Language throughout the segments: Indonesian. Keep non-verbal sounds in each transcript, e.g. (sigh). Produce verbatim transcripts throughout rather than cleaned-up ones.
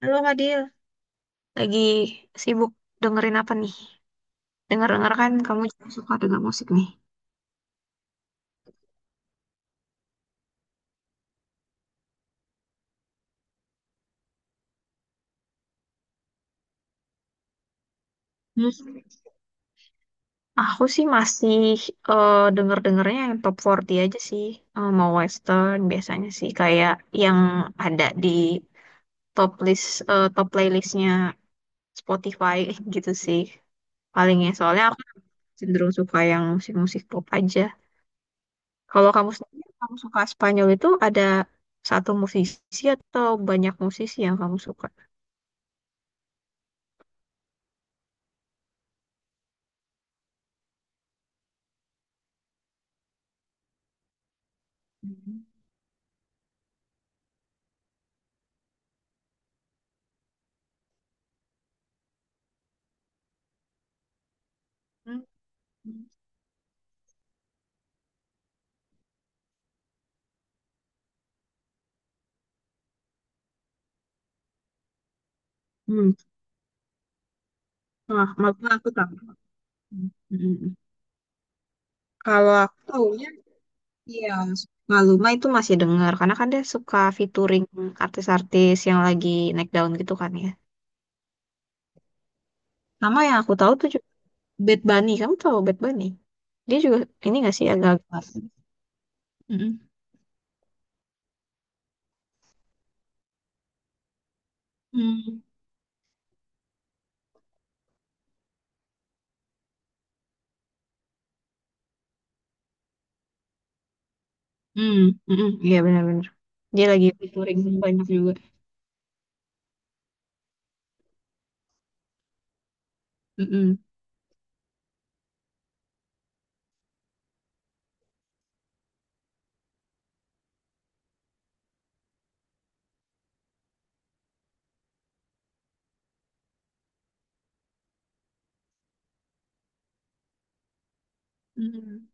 Halo Fadil, lagi sibuk dengerin apa nih? Dengar-dengar kan kamu juga suka denger musik nih. Hmm. Aku sih masih eh, denger-dengernya yang top empat puluh aja sih. Eh, mau western biasanya sih kayak yang ada di top list eh, top playlistnya Spotify (laughs) gitu sih. Palingnya soalnya aku cenderung suka yang musik-musik pop aja. Kalau kamu sendiri, kamu suka Spanyol itu ada satu musisi atau banyak musisi yang kamu suka? Hmm. Hmm. Wah, maka aku tahu. Hmm. Hmm. Kalau aku taunya, iya, Maluma itu masih dengar. Karena kan dia suka featuring artis-artis yang lagi naik daun gitu kan ya. Nama yang aku tahu tuh juga Bad Bunny. Kamu tahu Bad Bunny? Dia juga, ini gak sih agak-agak. Mm-mm. Hmm. Hmm. Mm-mm. Iya, benar-benar. Dia lagi featuring banyak juga. Mm-mm. Mm-mm.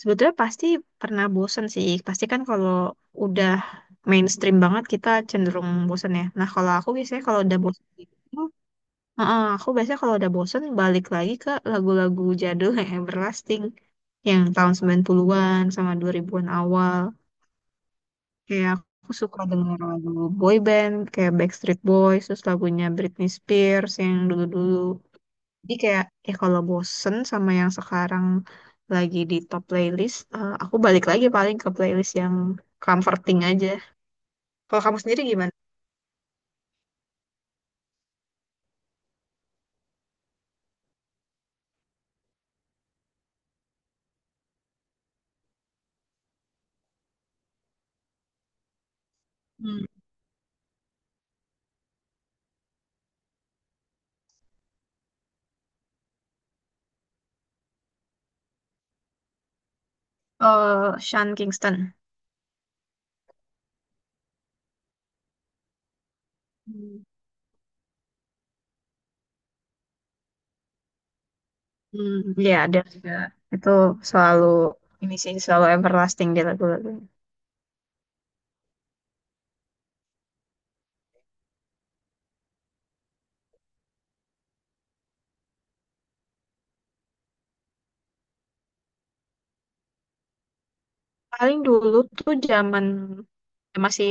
Sebetulnya pasti pernah bosen sih. Pasti kan kalau udah mainstream banget kita cenderung bosen ya. Nah kalau aku biasanya kalau udah bosen gitu, heeh, aku biasanya kalau udah bosen balik lagi ke lagu-lagu jadul (laughs) yang everlasting. Yang tahun sembilan puluhan-an sama dua ribuan-an awal. Kayak aku suka denger lagu boy band kayak Backstreet Boys, terus lagunya Britney Spears yang dulu-dulu. Jadi kayak ya kalau bosen sama yang sekarang lagi di top playlist, eh, aku balik lagi paling ke playlist yang comforting aja. Kalau kamu sendiri gimana? Hmm. Oh, Sean Kingston. Hmm. Hmm, ya ada juga. Itu selalu ini sih selalu everlasting di lagu-lagunya. Paling dulu tuh zaman masih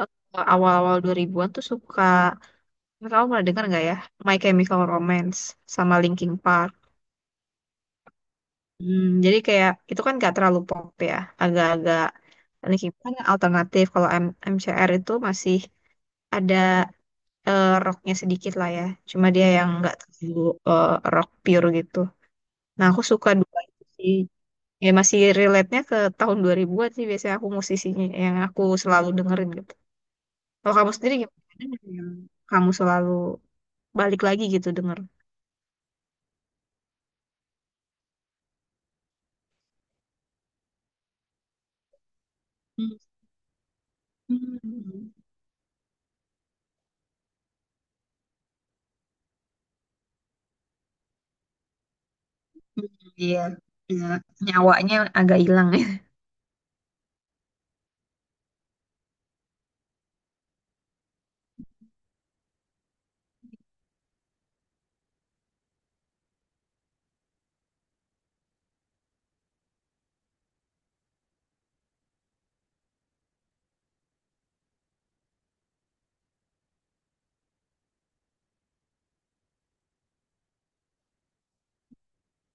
eh, awal-awal dua ribuan-an tuh suka, kamu pernah dengar nggak ya? My Chemical Romance sama Linkin Park. Hmm, jadi kayak itu kan gak terlalu pop ya, agak-agak ini kan alternatif. Kalau M MCR itu masih ada, eh, rocknya sedikit lah ya, cuma dia yang nggak terlalu eh, rock pure gitu. Nah aku suka dua itu sih, ya masih relate-nya ke tahun dua ribuan-an sih biasanya aku musisinya yang aku selalu dengerin gitu. Kalau kamu sendiri gimana? Ada nggak yang kamu selalu balik lagi gitu denger? Hmm, hmm, hmm. Iya, iya, nyawanya agak hilang (laughs)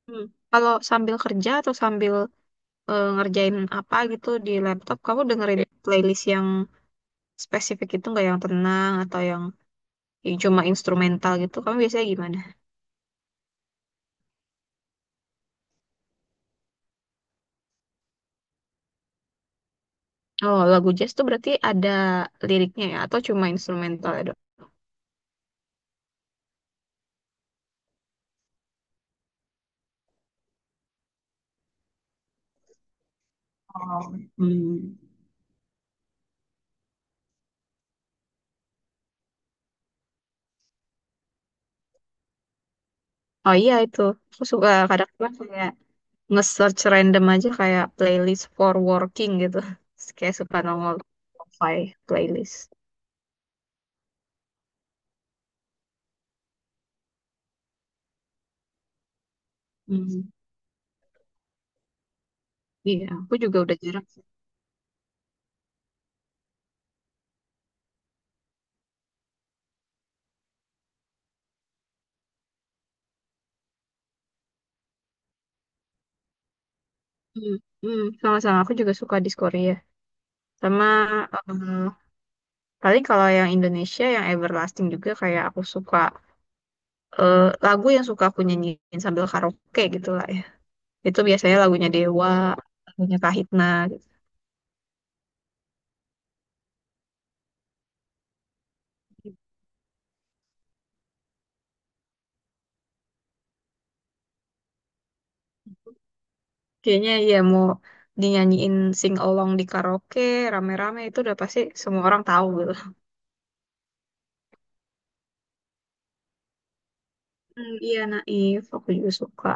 Hmm. Kalau sambil kerja atau sambil eh, ngerjain apa gitu di laptop, kamu dengerin playlist yang spesifik itu nggak, yang tenang atau yang, yang cuma instrumental gitu? Kamu biasanya gimana? Oh, lagu jazz tuh berarti ada liriknya ya atau cuma instrumental ya, Dok? Oh, hmm. Oh iya itu, aku suka kadang-kadang kayak nge-search random aja kayak playlist for working gitu. (laughs) Terus kayak suka nongol Spotify playlist. Hmm. Iya, aku juga udah jarang. Hmm, hmm, sama-sama aku juga suka di Korea. Sama eh, paling kalau yang Indonesia yang everlasting juga kayak aku suka eh, lagu yang suka aku nyanyiin sambil karaoke gitu lah ya. Itu biasanya lagunya Dewa, lagunya Kahitna gitu. Kayaknya ya mau dinyanyiin sing along di karaoke rame-rame itu udah pasti semua orang tahu gitu. Hmm, iya Naif, aku juga suka.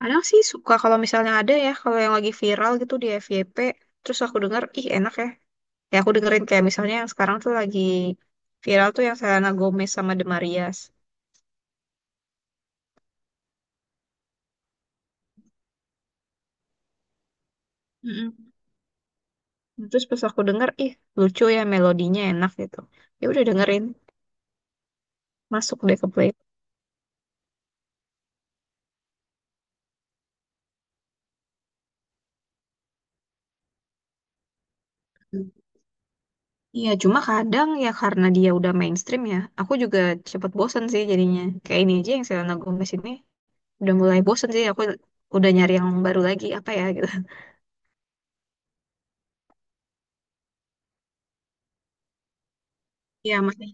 Kadang sih suka kalau misalnya ada ya, kalau yang lagi viral gitu di F Y P, terus aku dengar, ih enak ya, ya aku dengerin kayak misalnya yang sekarang tuh lagi viral tuh yang Selena Gomez sama The Marias. Mm-mm. Terus pas aku denger, ih lucu ya melodinya enak gitu, ya udah dengerin, masuk deh ke play. Iya, cuma kadang ya karena dia udah mainstream ya, aku juga cepet bosen sih jadinya. Kayak ini aja yang Selena Gomez ini udah mulai bosen sih, aku udah nyari yang baru lagi, apa ya gitu. Iya, masih.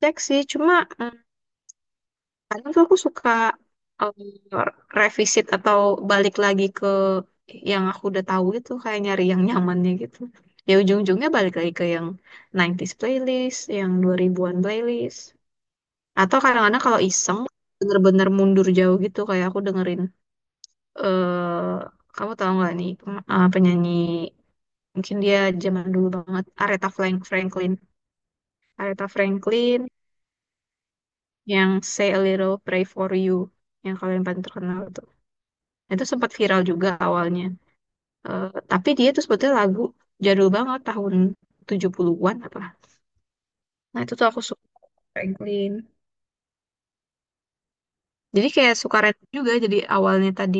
Cek sih, cuma mm, kadang tuh aku suka um, revisit atau balik lagi ke yang aku udah tahu gitu kayak nyari yang nyamannya gitu, ya ujung-ujungnya balik lagi ke yang nineties playlist, yang dua ribuan-an playlist, atau kadang-kadang kalau iseng bener-bener mundur jauh gitu kayak aku dengerin, eh kamu tahu nggak nih, pem- eh, penyanyi mungkin dia zaman dulu banget, Aretha Frank- Franklin Aretha Franklin, yang Say a Little Pray for You yang kalian paling terkenal itu itu sempat viral juga awalnya. Eh, tapi dia tuh sebetulnya lagu jadul banget tahun tujuh puluhan-an apa. Nah, itu tuh aku suka Franklin. Jadi kayak suka random juga. Jadi awalnya tadi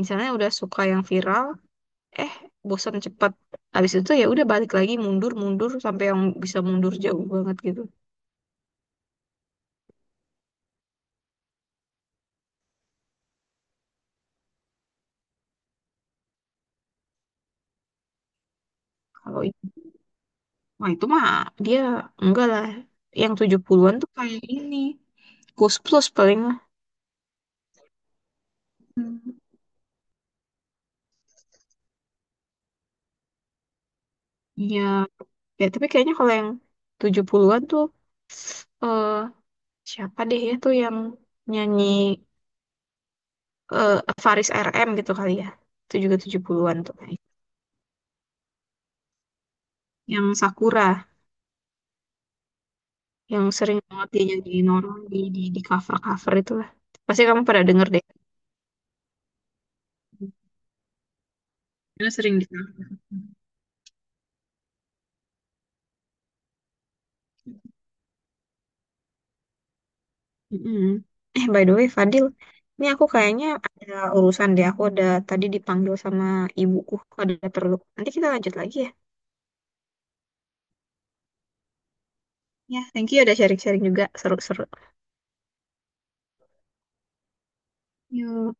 misalnya udah suka yang viral, eh bosan cepet. Habis itu ya udah balik lagi mundur-mundur sampai yang bisa mundur jauh banget gitu. Kalau itu, wah itu mah dia enggak lah. Yang tujuh puluhan-an tuh kayak ini. Ghost Plus paling lah. Hmm. Ya, ya tapi kayaknya kalau yang tujuh puluhan-an tuh eh siapa deh ya tuh yang nyanyi, eh, Faris R M gitu kali ya. Itu juga tujuh puluhan-an tuh kayaknya. Yang Sakura, yang sering banget dia nyanyi Noron di di, di cover-cover itulah. Pasti kamu pada denger deh. Karena sering di cover. Mm-mm. Eh, by the way, Fadil, ini aku kayaknya ada urusan deh. Aku ada tadi dipanggil sama ibuku, ada perlu. Nanti kita lanjut lagi ya. Ya, thank you udah sharing-sharing juga. Seru-seru. Yuk.